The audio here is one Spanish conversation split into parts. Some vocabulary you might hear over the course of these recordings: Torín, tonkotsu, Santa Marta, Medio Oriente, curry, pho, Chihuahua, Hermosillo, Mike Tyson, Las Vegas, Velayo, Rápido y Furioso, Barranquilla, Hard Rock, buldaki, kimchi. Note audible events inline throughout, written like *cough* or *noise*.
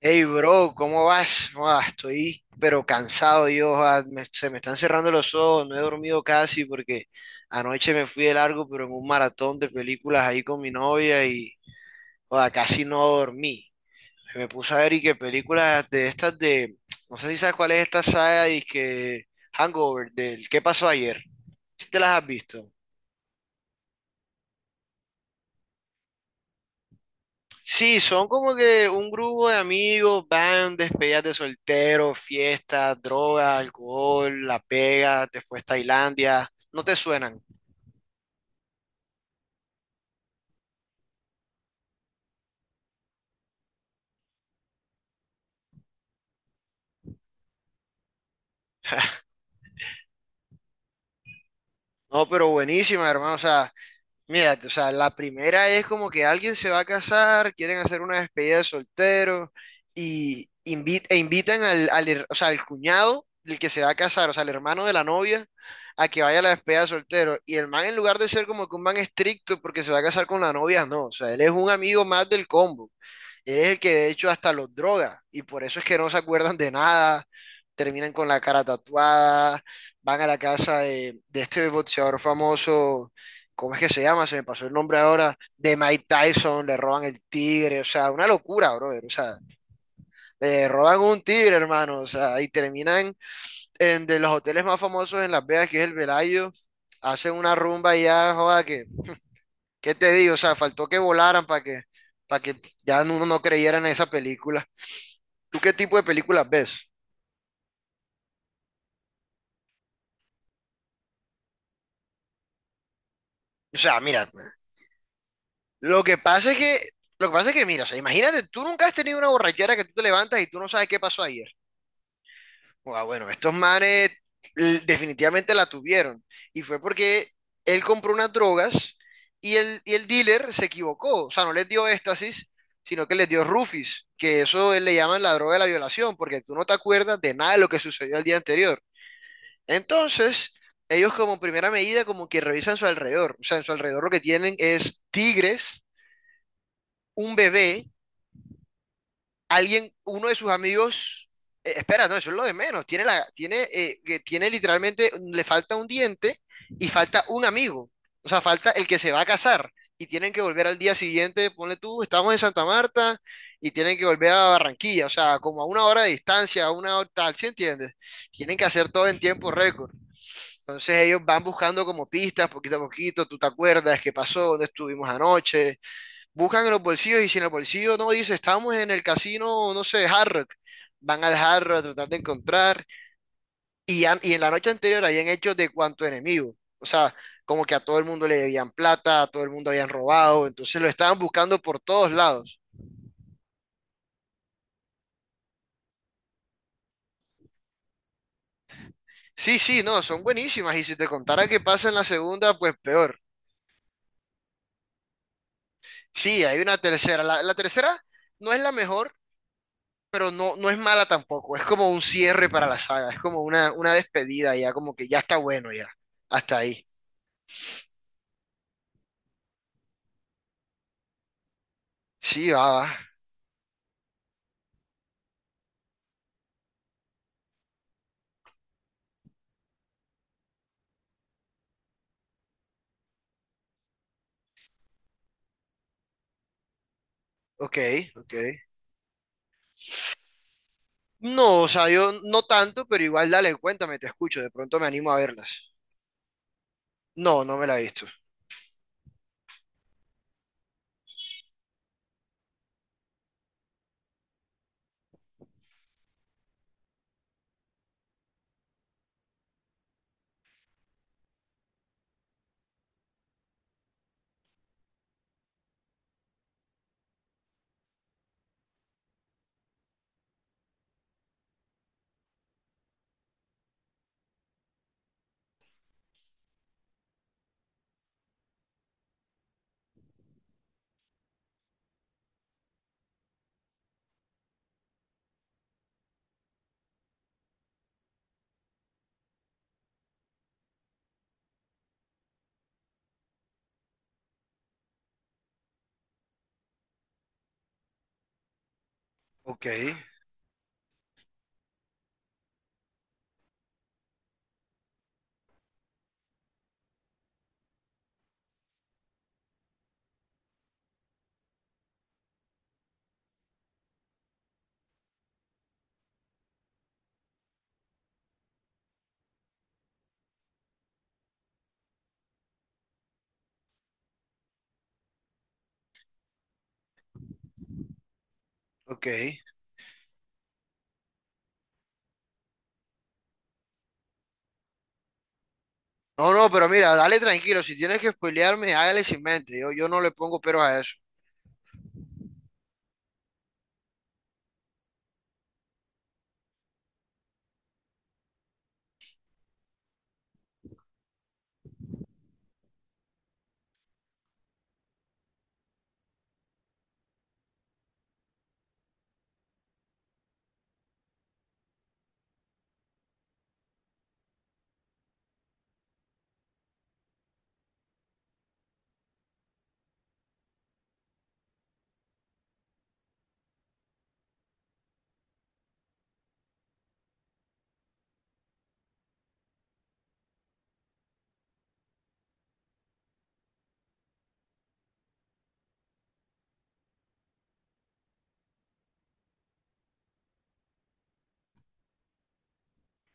Hey, bro, ¿cómo vas? Buah, estoy pero cansado, Dios, se me están cerrando los ojos, no he dormido casi porque anoche me fui de largo, pero en un maratón de películas ahí con mi novia y joda, casi no dormí. Me puse a ver y que películas de estas no sé si sabes cuál es esta saga y que Hangover, del ¿Qué pasó ayer? ¿Si te las has visto? Sí, son como que un grupo de amigos, van, despedidas de soltero, fiestas, droga, alcohol, La Pega, después Tailandia. No te suenan. No, pero buenísima, hermano. O sea, mira, o sea, la primera es como que alguien se va a casar, quieren hacer una despedida de soltero y e invitan o sea, al cuñado del que se va a casar, o sea, al hermano de la novia, a que vaya a la despedida de soltero. Y el man, en lugar de ser como que un man estricto porque se va a casar con la novia, no, o sea, él es un amigo más del combo. Eres el que de hecho hasta los droga y por eso es que no se acuerdan de nada, terminan con la cara tatuada, van a la casa de este boxeador famoso, ¿cómo es que se llama? Se me pasó el nombre ahora, de Mike Tyson, le roban el tigre, o sea, una locura, brother, o sea, le roban un tigre, hermano, o sea, y terminan en de los hoteles más famosos en Las Vegas, que es el Velayo, hacen una rumba y ya, joda, que, ¿qué te digo? O sea, faltó que volaran para que ya uno no creyera en esa película. ¿Tú qué tipo de películas ves? O sea, mira, lo que pasa es que, lo que pasa es que, mira, o sea, imagínate, tú nunca has tenido una borrachera que tú te levantas y tú no sabes qué pasó ayer. Ah, bueno, estos manes definitivamente la tuvieron. Y fue porque él compró unas drogas y el dealer se equivocó. O sea, no les dio éxtasis, sino que les dio rufis, que eso él le llaman la droga de la violación, porque tú no te acuerdas de nada de lo que sucedió el día anterior. Entonces, ellos como primera medida como que revisan su alrededor. O sea, en su alrededor lo que tienen es tigres, un bebé, alguien, uno de sus amigos... espera, no, eso es lo de menos. Tiene tiene, que tiene literalmente, le falta un diente y falta un amigo. O sea, falta el que se va a casar. Y tienen que volver al día siguiente, ponle tú, estamos en Santa Marta y tienen que volver a Barranquilla. O sea, como a una hora de distancia, a una hora tal, ¿sí entiendes? Tienen que hacer todo en tiempo récord. Entonces ellos van buscando como pistas, poquito a poquito, tú te acuerdas qué pasó, dónde estuvimos anoche, buscan en los bolsillos y si en el bolsillo no dice, estamos en el casino, no sé, Hard Rock, van al Hard Rock a tratar de encontrar y en la noche anterior habían hecho de cuanto enemigo, o sea, como que a todo el mundo le debían plata, a todo el mundo habían robado, entonces lo estaban buscando por todos lados. Sí, sí, no, son buenísimas y si te contara qué pasa en la segunda, pues peor. Sí, hay una tercera, la tercera no es la mejor pero no, no es mala tampoco. Es como un cierre para la saga. Es como una despedida ya, como que ya está bueno ya. Hasta ahí. Sí, va, va. Ok, ok. No, o sea, yo no tanto, pero igual dale, cuéntame, te escucho. De pronto me animo a verlas. No, no me la he visto. Ok, ok. No, no, pero mira, dale tranquilo. Si tienes que spoilearme, hágale sin mente. Yo no le pongo pero a eso.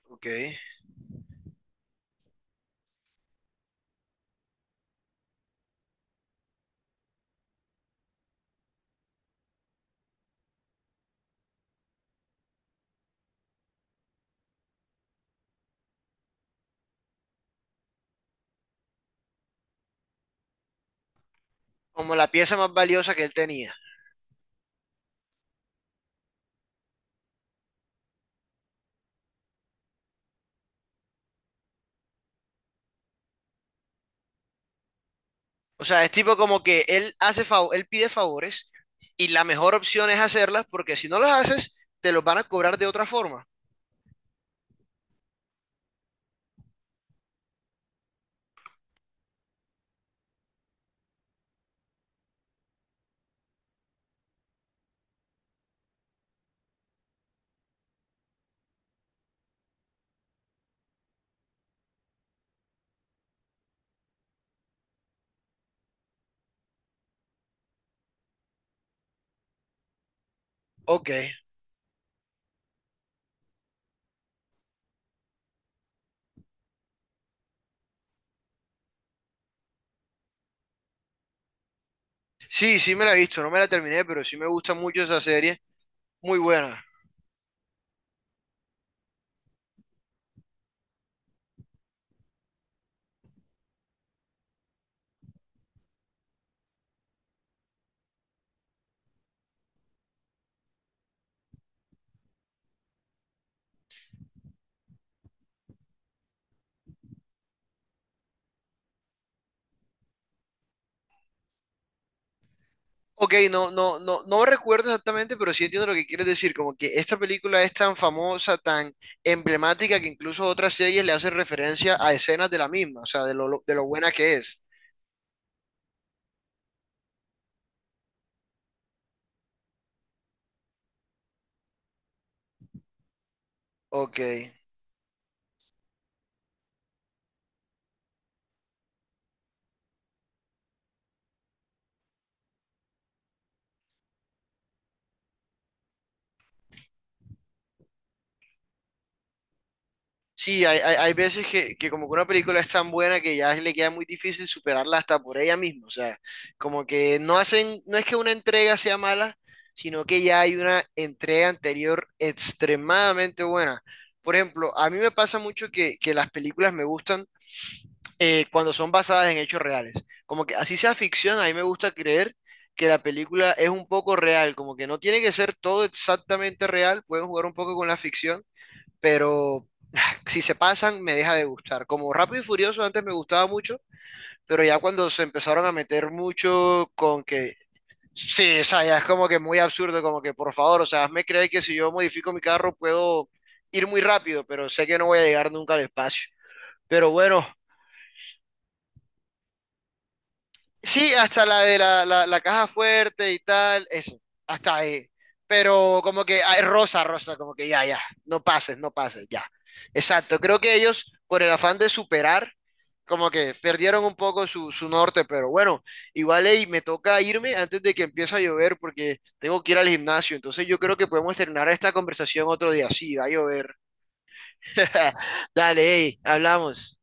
Ok. Como la pieza más valiosa que él tenía. O sea, es tipo como que él pide favores y la mejor opción es hacerlas porque si no las haces, te los van a cobrar de otra forma. Ok. Sí, sí me la he visto, no me la terminé, pero sí me gusta mucho esa serie. Muy buena. Ok, no, no, no, no recuerdo exactamente, pero sí entiendo lo que quieres decir. Como que esta película es tan famosa, tan emblemática, que incluso otras series le hacen referencia a escenas de la misma, o sea, de de lo buena que es. Ok. Sí, hay veces que como que una película es tan buena que ya le queda muy difícil superarla hasta por ella misma. O sea, como que no hacen, no es que una entrega sea mala, sino que ya hay una entrega anterior extremadamente buena. Por ejemplo, a mí me pasa mucho que las películas me gustan cuando son basadas en hechos reales. Como que así sea ficción, a mí me gusta creer que la película es un poco real, como que no tiene que ser todo exactamente real, pueden jugar un poco con la ficción pero, si se pasan, me deja de gustar. Como Rápido y Furioso antes me gustaba mucho, pero ya cuando se empezaron a meter mucho con que, sí, o sea, ya es como que muy absurdo, como que por favor, o sea, hazme creer que si yo modifico mi carro puedo ir muy rápido, pero sé que no voy a llegar nunca al espacio. Pero bueno, sí, hasta la de la caja fuerte y tal, eso, hasta ahí. Pero como que, ay, rosa, rosa, como que ya, ya, no pases, no pases, ya. Exacto, creo que ellos, por el afán de superar, como que perdieron un poco su norte, pero bueno, igual ey, me toca irme antes de que empiece a llover porque tengo que ir al gimnasio, entonces yo creo que podemos terminar esta conversación otro día, sí, va a llover. *laughs* Dale, ey, hablamos.